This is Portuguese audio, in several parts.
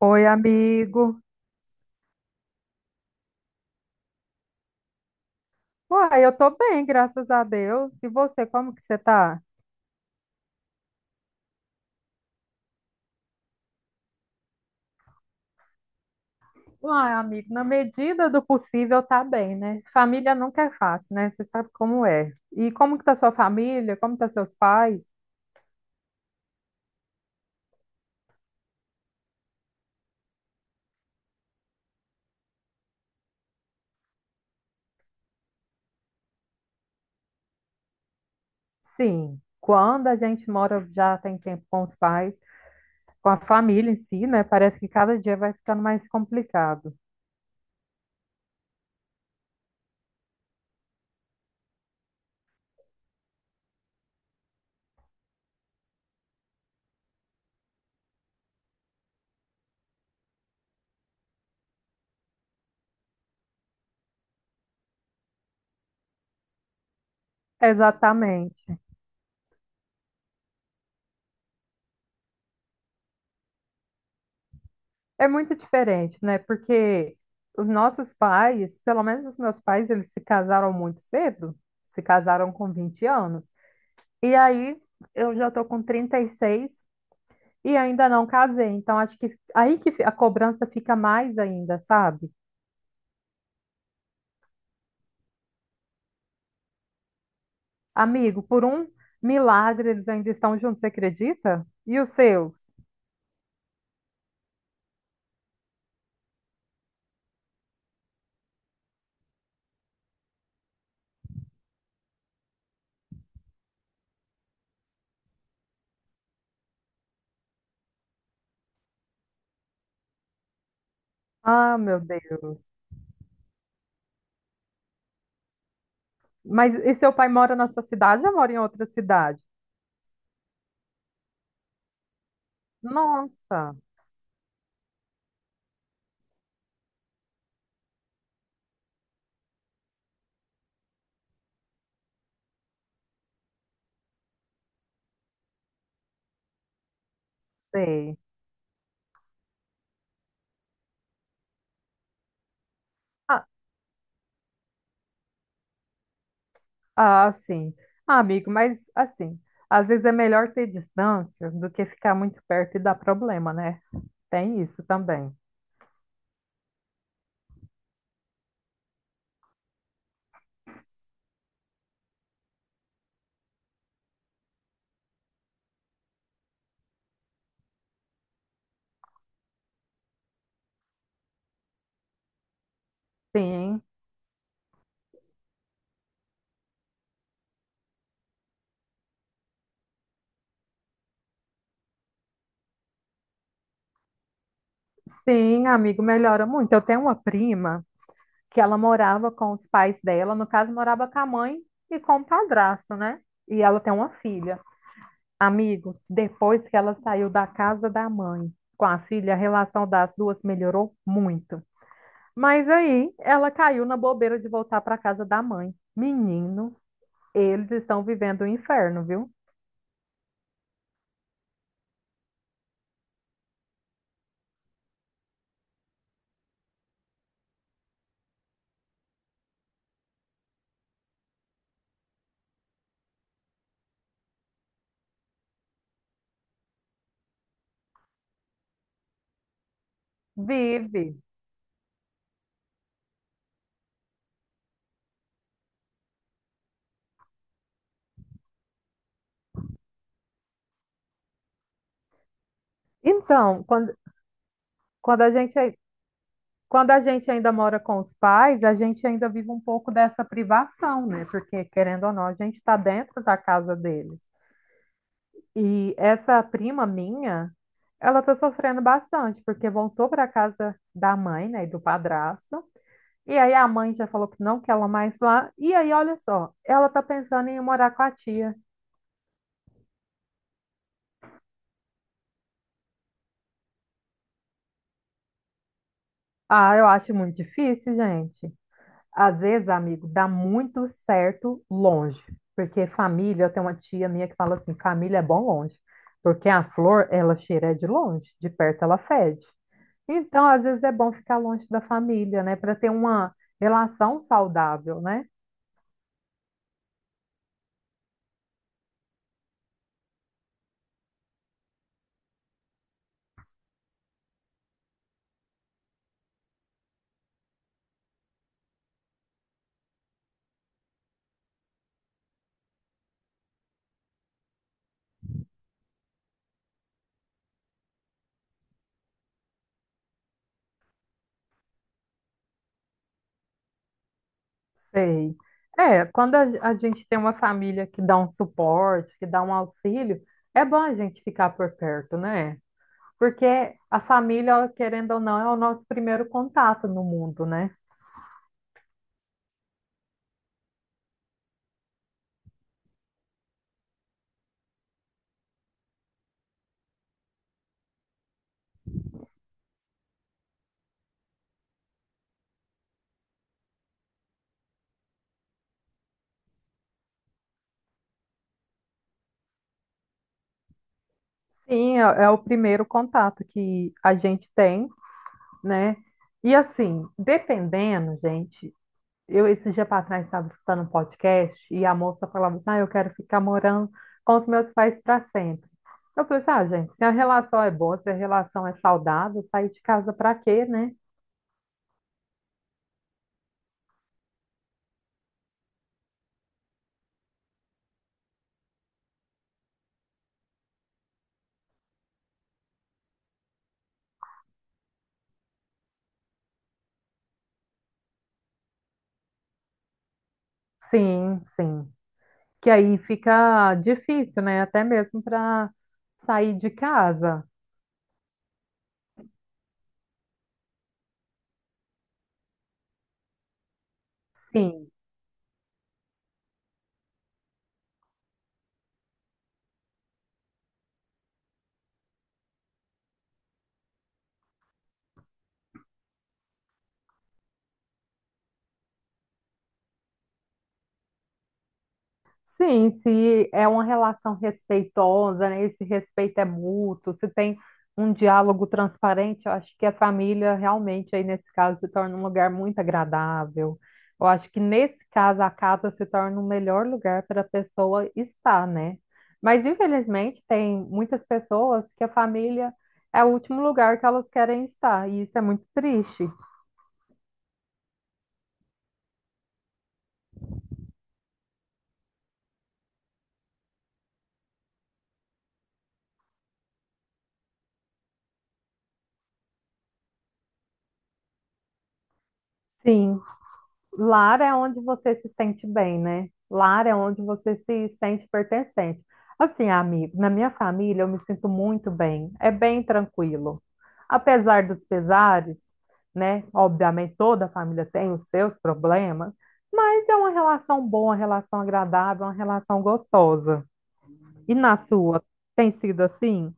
Oi, amigo. Uai, eu tô bem, graças a Deus. E você, como que você tá? Uai, amigo, na medida do possível tá bem, né? Família nunca é fácil, né? Você sabe como é. E como que tá sua família? Como tá seus pais? Sim, quando a gente mora já tem tempo com os pais, com a família em si, né? Parece que cada dia vai ficando mais complicado. Exatamente. É muito diferente, né? Porque os nossos pais, pelo menos os meus pais, eles se casaram muito cedo, se casaram com 20 anos. E aí eu já tô com 36 e seis e ainda não casei. Então acho que aí que a cobrança fica mais ainda, sabe? Amigo, por um milagre eles ainda estão juntos, você acredita? E os seus? Ah, meu Deus. Mas e seu pai mora na sua cidade ou mora em outra cidade? Nossa, sei. Ah, sim. Ah, amigo, mas assim, às vezes é melhor ter distância do que ficar muito perto e dar problema, né? Tem isso também. Sim, sim, amigo, melhora muito. Eu tenho uma prima que ela morava com os pais dela, no caso, morava com a mãe e com o padrasto, né? E ela tem uma filha. Amigo, depois que ela saiu da casa da mãe com a filha, a relação das duas melhorou muito. Mas aí ela caiu na bobeira de voltar para casa da mãe. Menino. Eles estão vivendo o inferno, viu? Vive. Então, quando, quando a gente, ai- Quando a gente ainda mora com os pais, a gente ainda vive um pouco dessa privação, né? Porque, querendo ou não, a gente está dentro da casa deles. E essa prima minha, ela está sofrendo bastante, porque voltou para a casa da mãe, né, e do padrasto. E aí a mãe já falou que não quer ela mais lá. E aí, olha só, ela está pensando em ir morar com a tia. Ah, eu acho muito difícil, gente. Às vezes, amigo, dá muito certo longe, porque família, eu tenho uma tia minha que fala assim, família é bom longe, porque a flor, ela cheira de longe, de perto ela fede. Então, às vezes é bom ficar longe da família, né, para ter uma relação saudável, né? Sei. É, quando a, a gente tem uma família que dá um suporte, que dá um auxílio, é bom a gente ficar por perto, né? Porque a família, querendo ou não, é o nosso primeiro contato no mundo, né? É o primeiro contato que a gente tem, né? E assim, dependendo, gente, eu esse dia para trás estava escutando um podcast e a moça falava assim, ah, eu quero ficar morando com os meus pais para sempre. Eu falei assim, ah, gente, se a relação é boa, se a relação é saudável, sair de casa para quê, né? Sim. Que aí fica difícil, né? Até mesmo para sair de casa. Sim. Sim, se é uma relação respeitosa, né? Esse respeito é mútuo, se tem um diálogo transparente, eu acho que a família realmente aí nesse caso se torna um lugar muito agradável. Eu acho que nesse caso a casa se torna o melhor lugar para a pessoa estar, né? Mas infelizmente tem muitas pessoas que a família é o último lugar que elas querem estar, e isso é muito triste. Sim. Lar é onde você se sente bem, né? Lar é onde você se sente pertencente. Assim, amigo, na minha família eu me sinto muito bem, é bem tranquilo. Apesar dos pesares, né? Obviamente toda família tem os seus problemas, mas é uma relação boa, uma relação agradável, uma relação gostosa. E na sua, tem sido assim?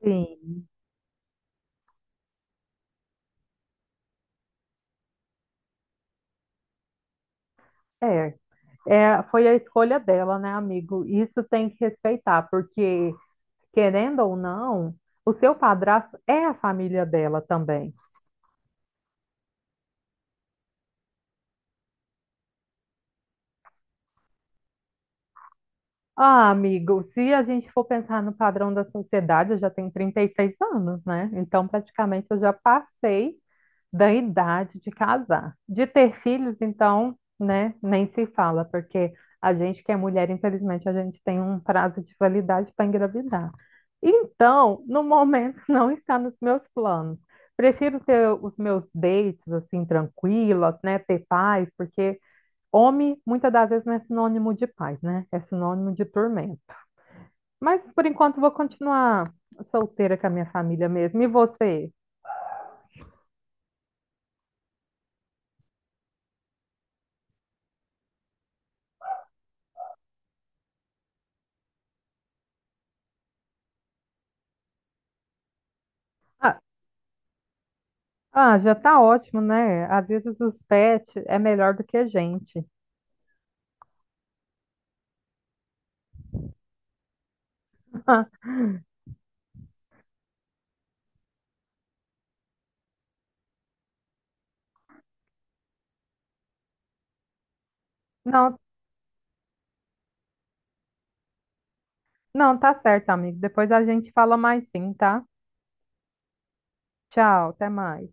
Sim, é. É, foi a escolha dela, né, amigo? Isso tem que respeitar, porque querendo ou não, o seu padrasto é a família dela também. Ah, amigo, se a gente for pensar no padrão da sociedade, eu já tenho 36 anos, né? Então, praticamente, eu já passei da idade de casar. De ter filhos, então, né, nem se fala, porque a gente que é mulher, infelizmente, a gente tem um prazo de validade para engravidar. Então, no momento, não está nos meus planos. Prefiro ter os meus dates, assim, tranquilos, né, ter paz, porque homem, muitas das vezes, não é sinônimo de paz, né? É sinônimo de tormento. Mas, por enquanto, vou continuar solteira com a minha família mesmo. E você? Ah, Ah, já tá ótimo, né? Às vezes os pets é melhor do que a gente. Não, não, tá certo, amigo. Depois a gente fala mais sim, tá? Tchau, até mais.